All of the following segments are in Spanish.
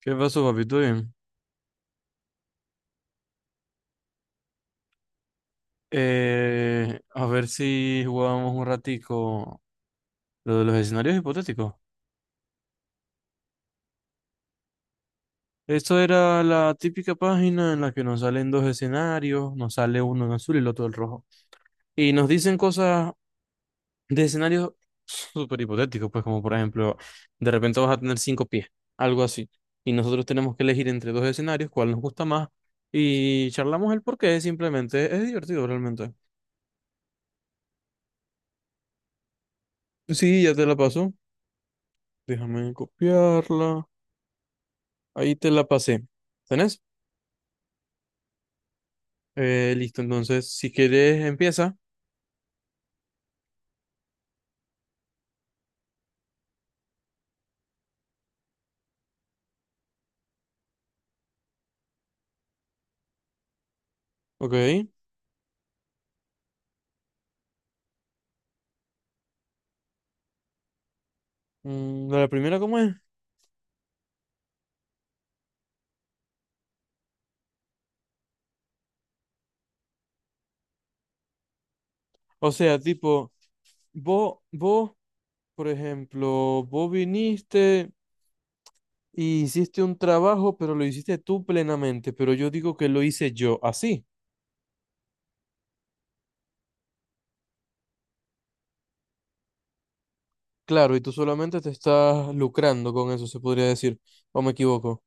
¿Qué pasó, papi? ¿Todo bien? A ver si jugábamos un ratico lo de los escenarios hipotéticos. Esto era la típica página en la que nos salen dos escenarios, nos sale uno en azul y el otro en rojo. Y nos dicen cosas de escenarios súper hipotéticos, pues como por ejemplo, de repente vas a tener 5 pies, algo así. Y nosotros tenemos que elegir entre dos escenarios, cuál nos gusta más, y charlamos el porqué, simplemente es divertido realmente. Sí, ya te la paso. Déjame copiarla. Ahí te la pasé. ¿Tenés? Listo, entonces, si querés, empieza. Ok. La primera, ¿cómo es? O sea, tipo, vos, por ejemplo, vos viniste y hiciste un trabajo, pero lo hiciste tú plenamente, pero yo digo que lo hice yo, así. Claro, y tú solamente te estás lucrando con eso, se podría decir, o me equivoco.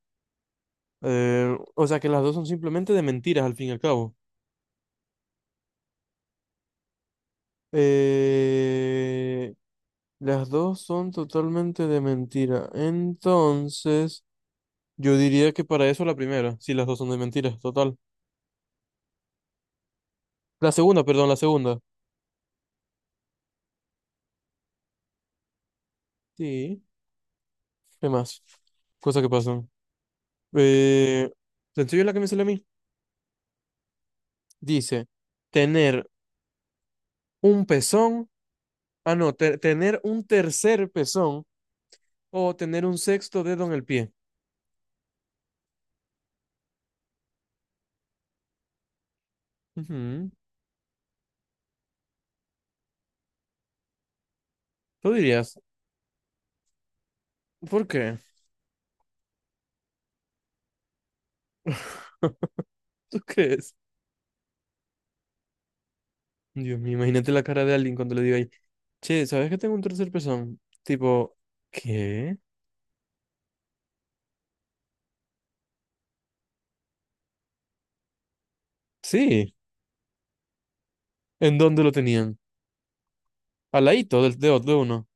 O sea, que las dos son simplemente de mentiras, al fin y al cabo. Eh, las dos son totalmente de mentira. Entonces, yo diría que para eso la primera, si las dos son de mentira, total. La segunda, perdón, la segunda. Sí. ¿Qué más? Cosas que pasan. Eh, ¿te enseño la que me sale a mí? Dice, tener un pezón, ah, no, tener un tercer pezón o tener un sexto dedo en el pie. Ujú. ¿Tú dirías? ¿Por qué? ¿Tú crees? Dios mío, imagínate la cara de alguien cuando le diga ahí, che, ¿sabes que tengo un tercer pezón? Tipo, ¿qué? Sí, ¿en dónde lo tenían? Al ladito del de uno.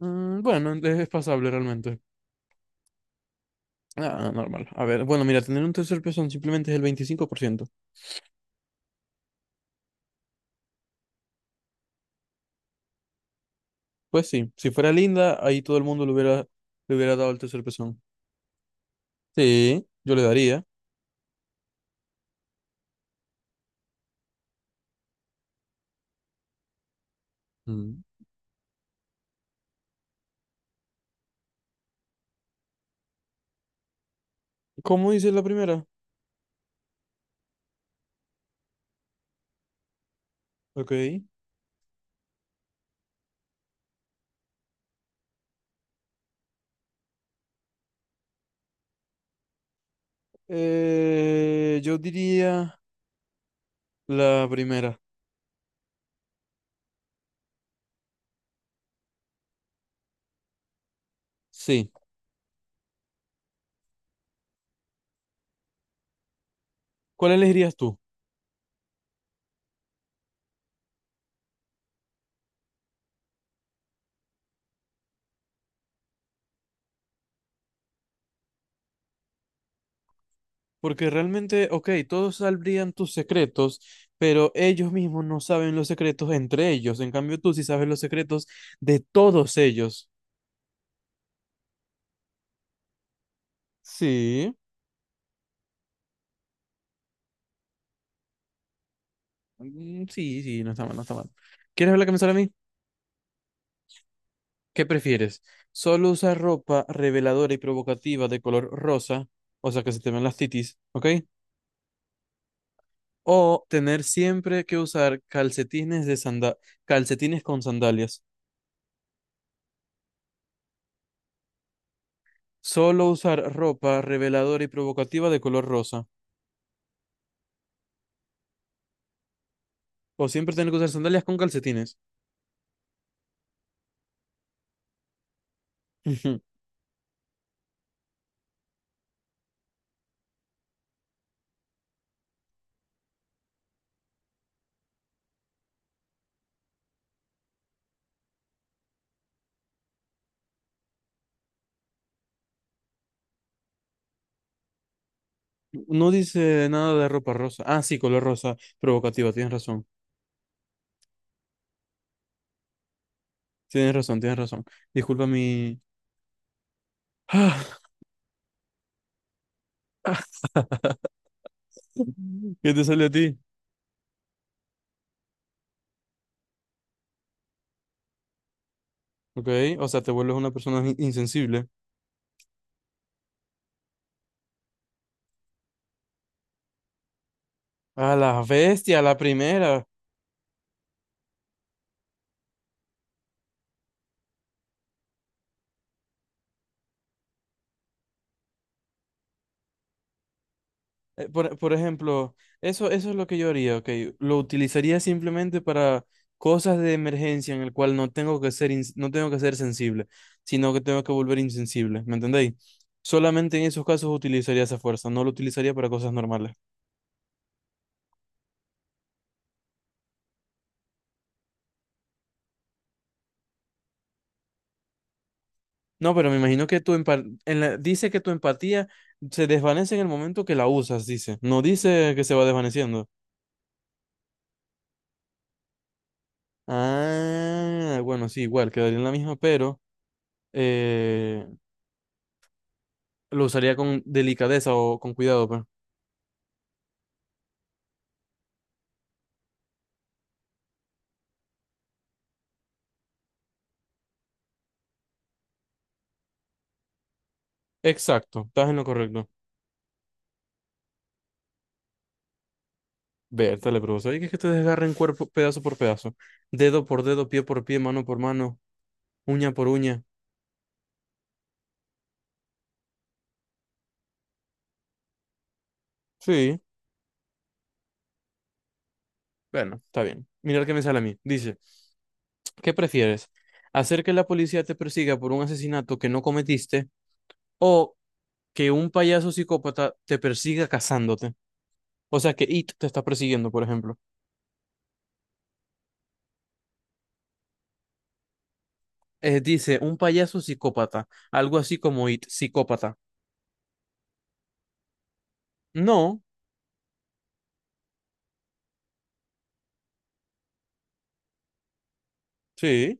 Mm, bueno, es pasable realmente. Ah, normal. A ver, bueno, mira, tener un tercer pezón simplemente es el 25%. Pues sí, si fuera linda, ahí todo el mundo le hubiera dado el tercer pezón. Sí, yo le daría. Mm. ¿Cómo dice la primera? Ok. Yo diría la primera. Sí. ¿Cuál elegirías tú? Porque realmente, ok, todos sabrían tus secretos, pero ellos mismos no saben los secretos entre ellos. En cambio, tú sí sabes los secretos de todos ellos. Sí, mm, sí, sí, no está mal, no está mal. ¿Quieres ver la camisola a mí? ¿Qué prefieres? ¿Solo usar ropa reveladora y provocativa de color rosa, o sea, que se te ven las titis, ok? ¿O tener siempre que usar calcetines de calcetines con sandalias? ¿Solo usar ropa reveladora y provocativa de color rosa? O siempre tener que usar sandalias con calcetines. Ujú. No dice nada de ropa rosa. Ah, sí, color rosa provocativa. Tienes razón. Tienes razón, tienes razón. Disculpa mi... ¿Qué te sale a ti? Ok, o sea, te vuelves una persona insensible. A la bestia, a la primera. Por ejemplo, eso es lo que yo haría, ok. Lo utilizaría simplemente para cosas de emergencia en el cual no tengo que ser, ins- no tengo que ser sensible, sino que tengo que volver insensible, ¿me entendéis? Solamente en esos casos utilizaría esa fuerza, no lo utilizaría para cosas normales. No, pero me imagino que tu dice que tu empatía se desvanece en el momento que la usas, dice. No dice que se va desvaneciendo. Ah, bueno, sí, igual, quedaría en la misma, pero... eh, Lo usaría con delicadeza o con cuidado, pues. Exacto, estás en lo correcto. Vértale, pero ¿sabes que es que te desgarren cuerpo pedazo por pedazo? Dedo por dedo, pie por pie, mano por mano, uña por uña. Sí, bueno, está bien. Mirar qué me sale a mí. Dice, ¿qué prefieres? ¿Hacer que la policía te persiga por un asesinato que no cometiste o que un payaso psicópata te persiga cazándote? O sea, que It te está persiguiendo, por ejemplo. Dice, un payaso psicópata, algo así como It, psicópata. No, sí.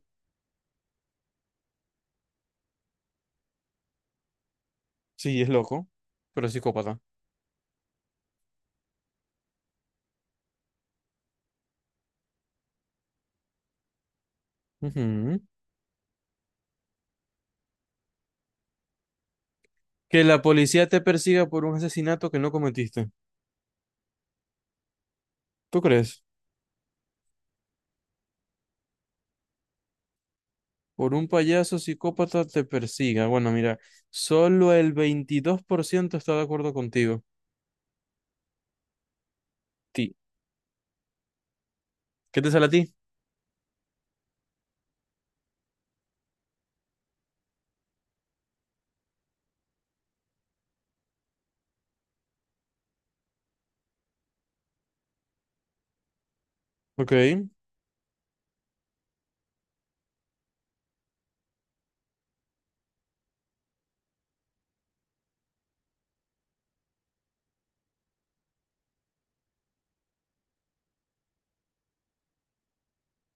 Sí, es loco, pero es psicópata. Ujú. Que la policía te persiga por un asesinato que no cometiste. ¿Tú crees? Por un payaso psicópata te persiga. Bueno, mira, solo el 22% está de acuerdo contigo. Ti. ¿Qué te sale a ti? Ok.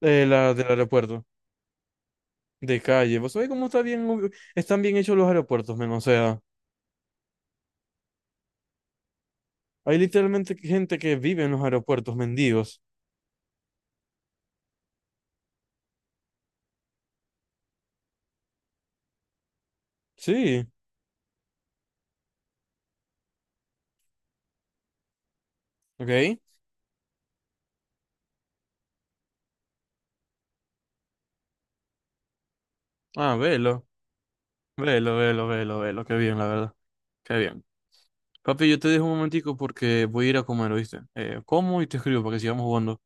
Eh, la del aeropuerto. De calle. ¿Vos sabés cómo está bien, están bien hechos los aeropuertos, men? O sea, hay literalmente gente que vive en los aeropuertos, mendigos. Sí. Ok. Ah, velo. Velo, velo, velo, velo. Qué bien, la verdad. Qué bien. Papi, yo te dejo un momentico porque voy a ir a comer, ¿oíste? Como y te escribo para que sigamos jugando.